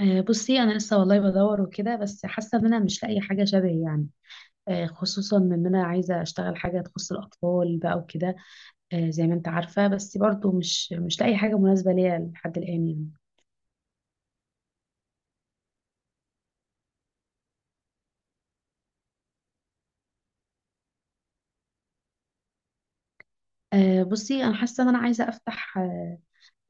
آه، بصي انا لسه والله بدور وكده، بس حاسه ان انا مش لاقي حاجه شبهي يعني. خصوصا ان انا عايزه اشتغل حاجه تخص الاطفال بقى وكده. زي ما انت عارفه، بس برضو مش لاقي حاجه مناسبه ليا لحد الان يعني. بصي انا حاسه ان انا عايزه افتح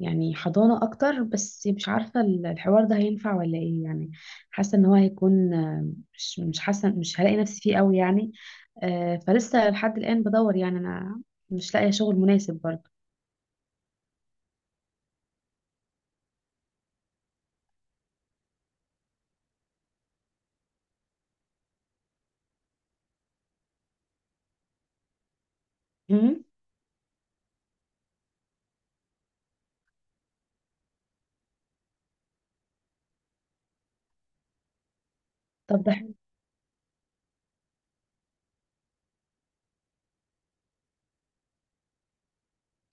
يعني حضانه اكتر، بس مش عارفه الحوار ده هينفع ولا ايه يعني. حاسه ان هو هيكون مش حاسه مش هلاقي نفسي فيه قوي يعني. فلسه لحد الان بدور يعني انا مش لاقيه شغل مناسب برضو. مم. طب ده حلو.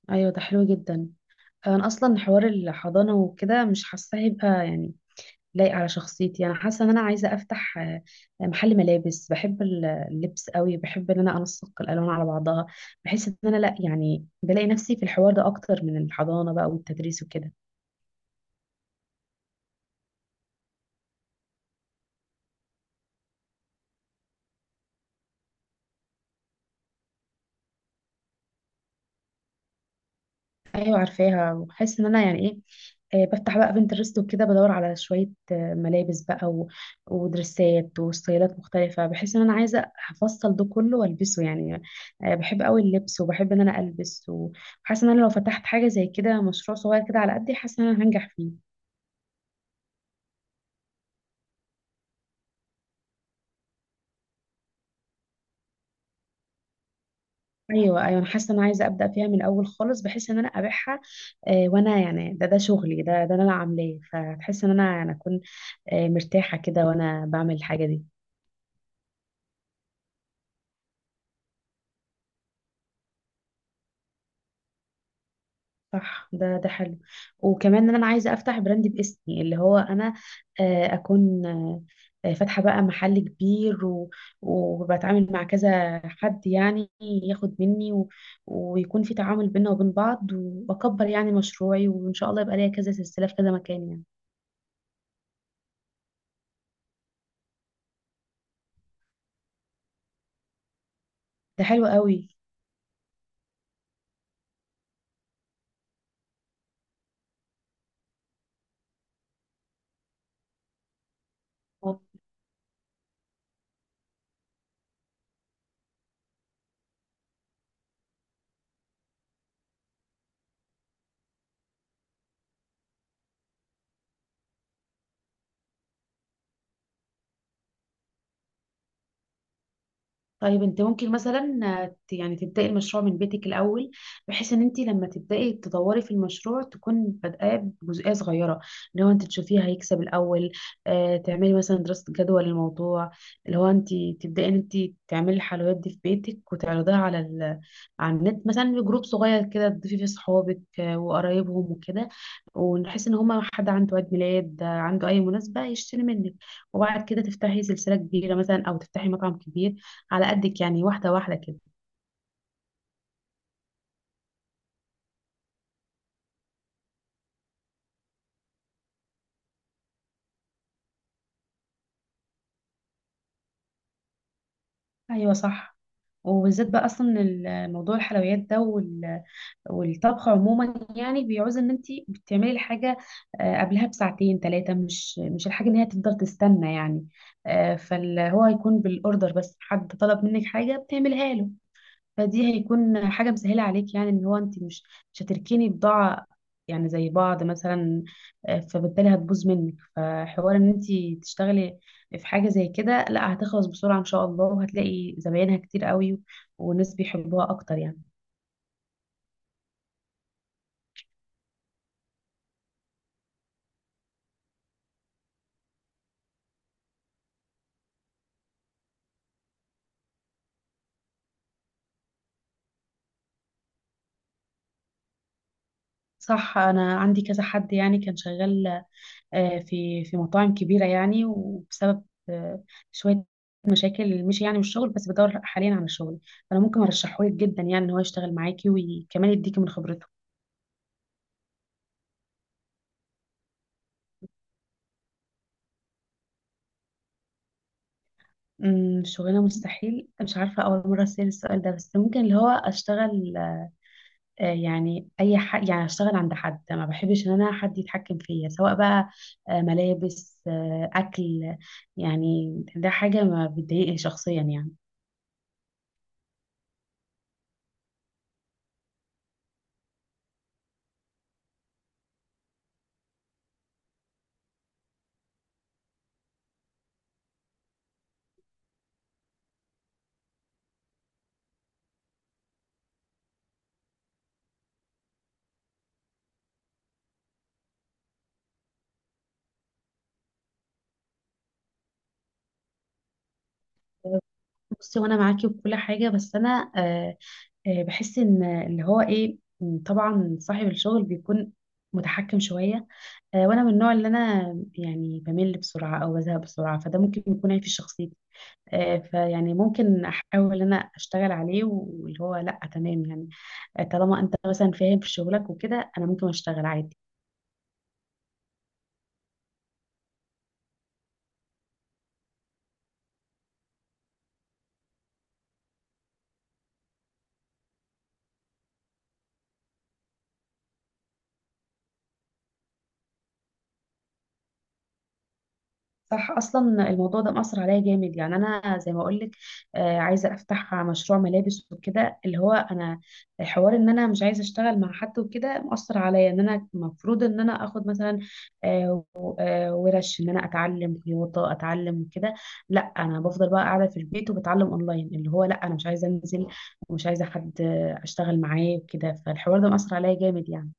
ايوه ده حلو جدا. انا اصلا حوار الحضانه وكده مش حاسه هيبقى يعني لايق على شخصيتي. انا حاسه ان انا عايزه افتح محل ملابس. بحب اللبس قوي. بحب ان انا انسق الالوان على بعضها. بحس ان انا لا، يعني بلاقي نفسي في الحوار ده اكتر من الحضانه بقى والتدريس وكده. ايوه عارفاها. وبحس ان انا يعني ايه، بفتح بقى بنترست وكده بدور على شويه ملابس بقى ودرسات وستايلات مختلفه. بحس ان انا عايزه افصل ده كله والبسه يعني. بحب قوي اللبس، وبحب ان انا البس، وحاسه ان انا لو فتحت حاجه زي كده مشروع صغير كده على قدي، حاسه ان انا هنجح فيه. ايوه، ايوه، انا حاسه ان انا عايزه ابدا فيها من الاول خالص، بحيث ان انا ابيعها. وانا يعني ده شغلي ده انا عاملاه، فتحس ان انا اكون مرتاحه كده وانا بعمل الحاجه دي. صح، ده حلو. وكمان ان انا عايزه افتح براند باسمي، اللي هو انا اكون فاتحه بقى محل كبير وبتعامل مع كذا حد يعني ياخد مني ويكون في تعامل بينا وبين بعض، واكبر يعني مشروعي، وان شاء الله يبقى ليا كذا سلسله في كذا مكان يعني. ده حلو قوي. طيب، انت ممكن مثلا يعني تبداي المشروع من بيتك الاول، بحيث ان انت لما تبداي تدوري في المشروع تكون بادئه بجزئيه صغيره، اللي هو انت تشوفيها هيكسب الاول. اه، تعملي مثلا دراسه جدوى للموضوع، اللي هو انت تبداي ان انت تعملي الحلويات دي في بيتك وتعرضيها على النت مثلا في جروب صغير كده، تضيفي فيه صحابك وقرايبهم وكده. ونحس ان هما حد عنده عيد ميلاد، عنده اي مناسبه يشتري منك. وبعد كده تفتحي سلسله كبيره مثلا، او تفتحي مطعم كبير على قدك يعني، واحدة واحدة كده. ايوه صح. وبالذات بقى اصلا موضوع الحلويات ده والطبخ عموما يعني، بيعوز ان انت بتعملي الحاجه قبلها بساعتين ثلاثه، مش الحاجه ان هي تفضل تستنى يعني. فاللي هو هيكون بالاوردر، بس حد طلب منك حاجه بتعملها له، فدي هيكون حاجة مسهلة عليك يعني، ان هو انت مش هتركني بضاعة يعني زي بعض مثلا. فبالتالي هتبوظ منك. فحوار ان انت تشتغلي في حاجة زي كده، لا هتخلص بسرعة ان شاء الله، وهتلاقي زباينها كتير قوي، والناس بيحبوها اكتر يعني. صح، انا عندي كذا حد يعني كان شغال في مطاعم كبيرة يعني، وبسبب شوية مشاكل مشي يعني من الشغل، بس بدور حاليا على شغل. فانا ممكن ارشحهولك جدا يعني، ان هو يشتغل معاكي وكمان يديكي من خبرته. شغلانة مستحيل، مش عارفة، أول مرة أسأل السؤال ده، بس ممكن اللي هو أشتغل يعني أي حد، يعني أشتغل عند حد، ما بحبش إن أنا حد يتحكم فيا، سواء بقى ملابس أكل. يعني ده حاجة ما بتضايقني شخصيا يعني. بصي، وانا معاكي بكل حاجه، بس انا بحس ان اللي هو ايه، طبعا صاحب الشغل بيكون متحكم شويه. وانا من النوع اللي انا يعني بمل بسرعه او بزهق بسرعه، فده ممكن يكون عيب في شخصيتي. فيعني ممكن احاول ان انا اشتغل عليه، واللي هو لا تمام يعني. طالما انت مثلا فاهم في شغلك وكده، انا ممكن اشتغل عادي. صح، اصلا الموضوع ده مأثر عليا جامد يعني، انا زي ما اقول لك عايزه افتح مشروع ملابس وكده، اللي هو انا حوار ان انا مش عايزه اشتغل مع حد وكده، مأثر عليا ان انا المفروض ان انا اخد مثلا ورش ان انا اتعلم خياطه، اتعلم كده. لا، انا بفضل بقى قاعده في البيت وبتعلم اونلاين، اللي هو لا، انا مش عايزه انزل ومش عايزه حد اشتغل معاه وكده، فالحوار ده مأثر عليا جامد يعني.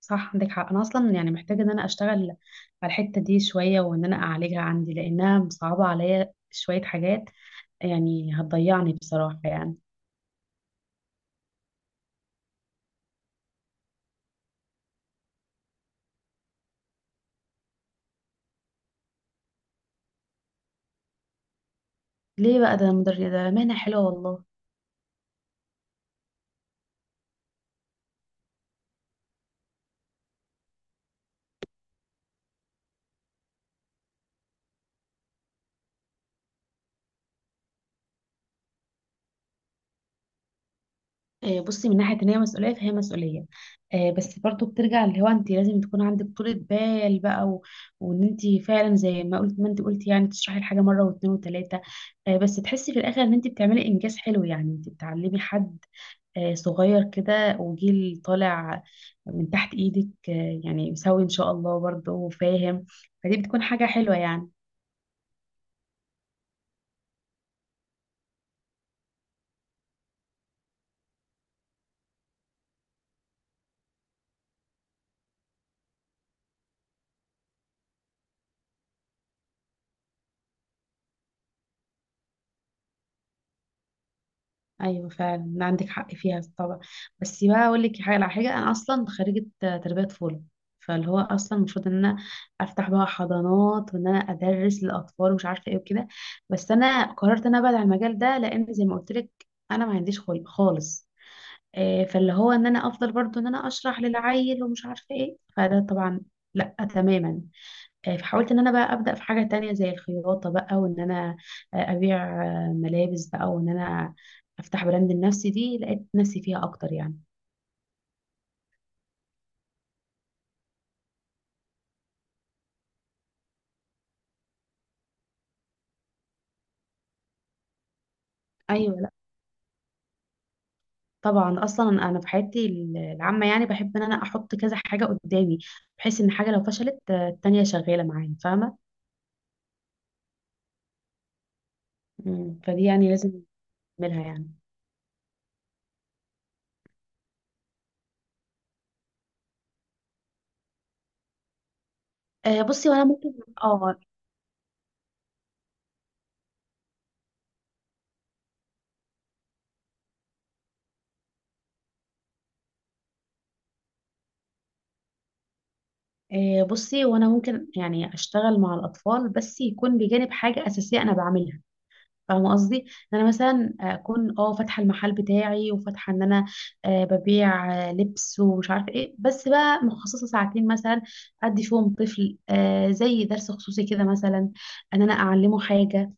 صح عندك حق، انا اصلا يعني محتاجه ان انا اشتغل على الحته دي شويه، وان انا اعالجها عندي لانها مصعبه عليا شويه حاجات، يعني هتضيعني بصراحه يعني. ليه بقى؟ ده مهنه حلوه والله. بصي، من ناحيه ان هي مسؤوليه فهي مسؤوليه. بس برضو بترجع اللي هو انت لازم تكون عندك طولة بال بقى وان انت فعلا زي ما انت قلتي يعني، تشرحي الحاجه مره واثنين وثلاثه، بس تحسي في الاخر ان انت بتعملي انجاز حلو، يعني انت بتعلمي حد صغير كده وجيل طالع من تحت ايدك، يعني مسوي ان شاء الله برضه وفاهم، فدي بتكون حاجة حلوة يعني. ايوه فعلا عندك حق فيها طبعا. بس بقى اقول لك حاجة على حاجة، انا اصلا خريجة تربية طفولة، فاللي هو اصلا المفروض ان انا افتح بقى حضانات وان انا ادرس للاطفال ومش عارفه ايه وكده. بس انا قررت ان انا ابعد عن المجال ده، لان زي ما قلت لك انا ما عنديش خلق خالص. فاللي هو ان انا افضل برضو ان انا اشرح للعيل ومش عارفه ايه، فده طبعا لا تماما. فحاولت ان انا بقى ابدا في حاجه تانية زي الخياطه بقى، وان انا ابيع ملابس بقى، وان انا افتح براند لنفسي، دي لقيت نفسي فيها اكتر يعني. ايوه، لا، طبعا اصلا انا في حياتي العامه يعني بحب ان انا احط كذا حاجه قدامي، بحيث ان حاجه لو فشلت، التانية شغاله معايا، فاهمه؟ فدي يعني لازم اعملها يعني. آه، بصي وانا ممكن اه بصي وانا ممكن يعني اشتغل مع الاطفال، بس يكون بجانب حاجه اساسيه انا بعملها. فاهمه قصدي؟ ان انا مثلا اكون فاتحه المحل بتاعي، وفاتحه ان انا ببيع لبس ومش عارفه ايه، بس بقى مخصصه ساعتين مثلا ادي فيهم طفل، زي درس خصوصي كده مثلا، ان انا اعلمه حاجه.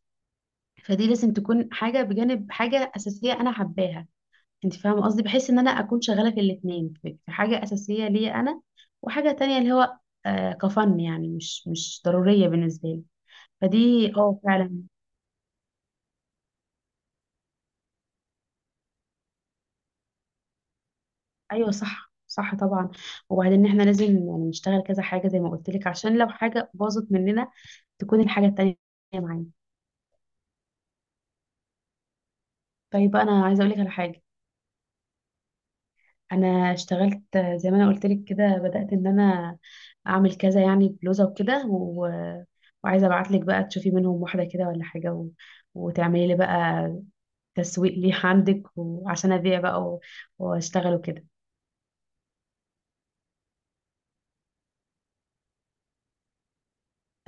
فدي لازم تكون حاجه بجانب حاجه اساسيه انا حباها. انت فاهمه قصدي، بحيث ان انا اكون شغاله في الاثنين في حاجه اساسيه ليا انا، وحاجه تانية اللي هو كفن يعني مش ضروريه بالنسبه لي. فدي فعلا. ايوه، صح، صح، طبعا. وبعدين احنا لازم يعني نشتغل كذا حاجه، زي ما قلت لك عشان لو حاجه باظت مننا تكون الحاجه التانية معانا. طيب، انا عايزه اقول لك على حاجه. انا اشتغلت زي ما انا قلت لك كده، بدأت ان انا اعمل كذا يعني بلوزة وكده وعايزة ابعت لك بقى تشوفي منهم واحدة كده ولا حاجة وتعملي لي بقى تسويق ليه عندك، وعشان ابيع بقى واشتغل وكده.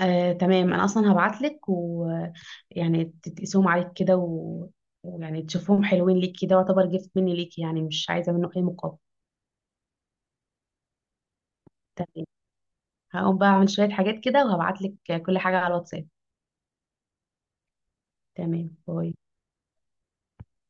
تمام، انا اصلا هبعت لك، ويعني تقيسهم عليك كده ويعني تشوفهم حلوين ليك كده، واعتبر جفت مني ليك يعني، مش عايزة منه اي مقابل. تمام، هقوم بقى اعمل شوية حاجات كده، وهبعت لك كل حاجة على الواتساب. تمام، باي.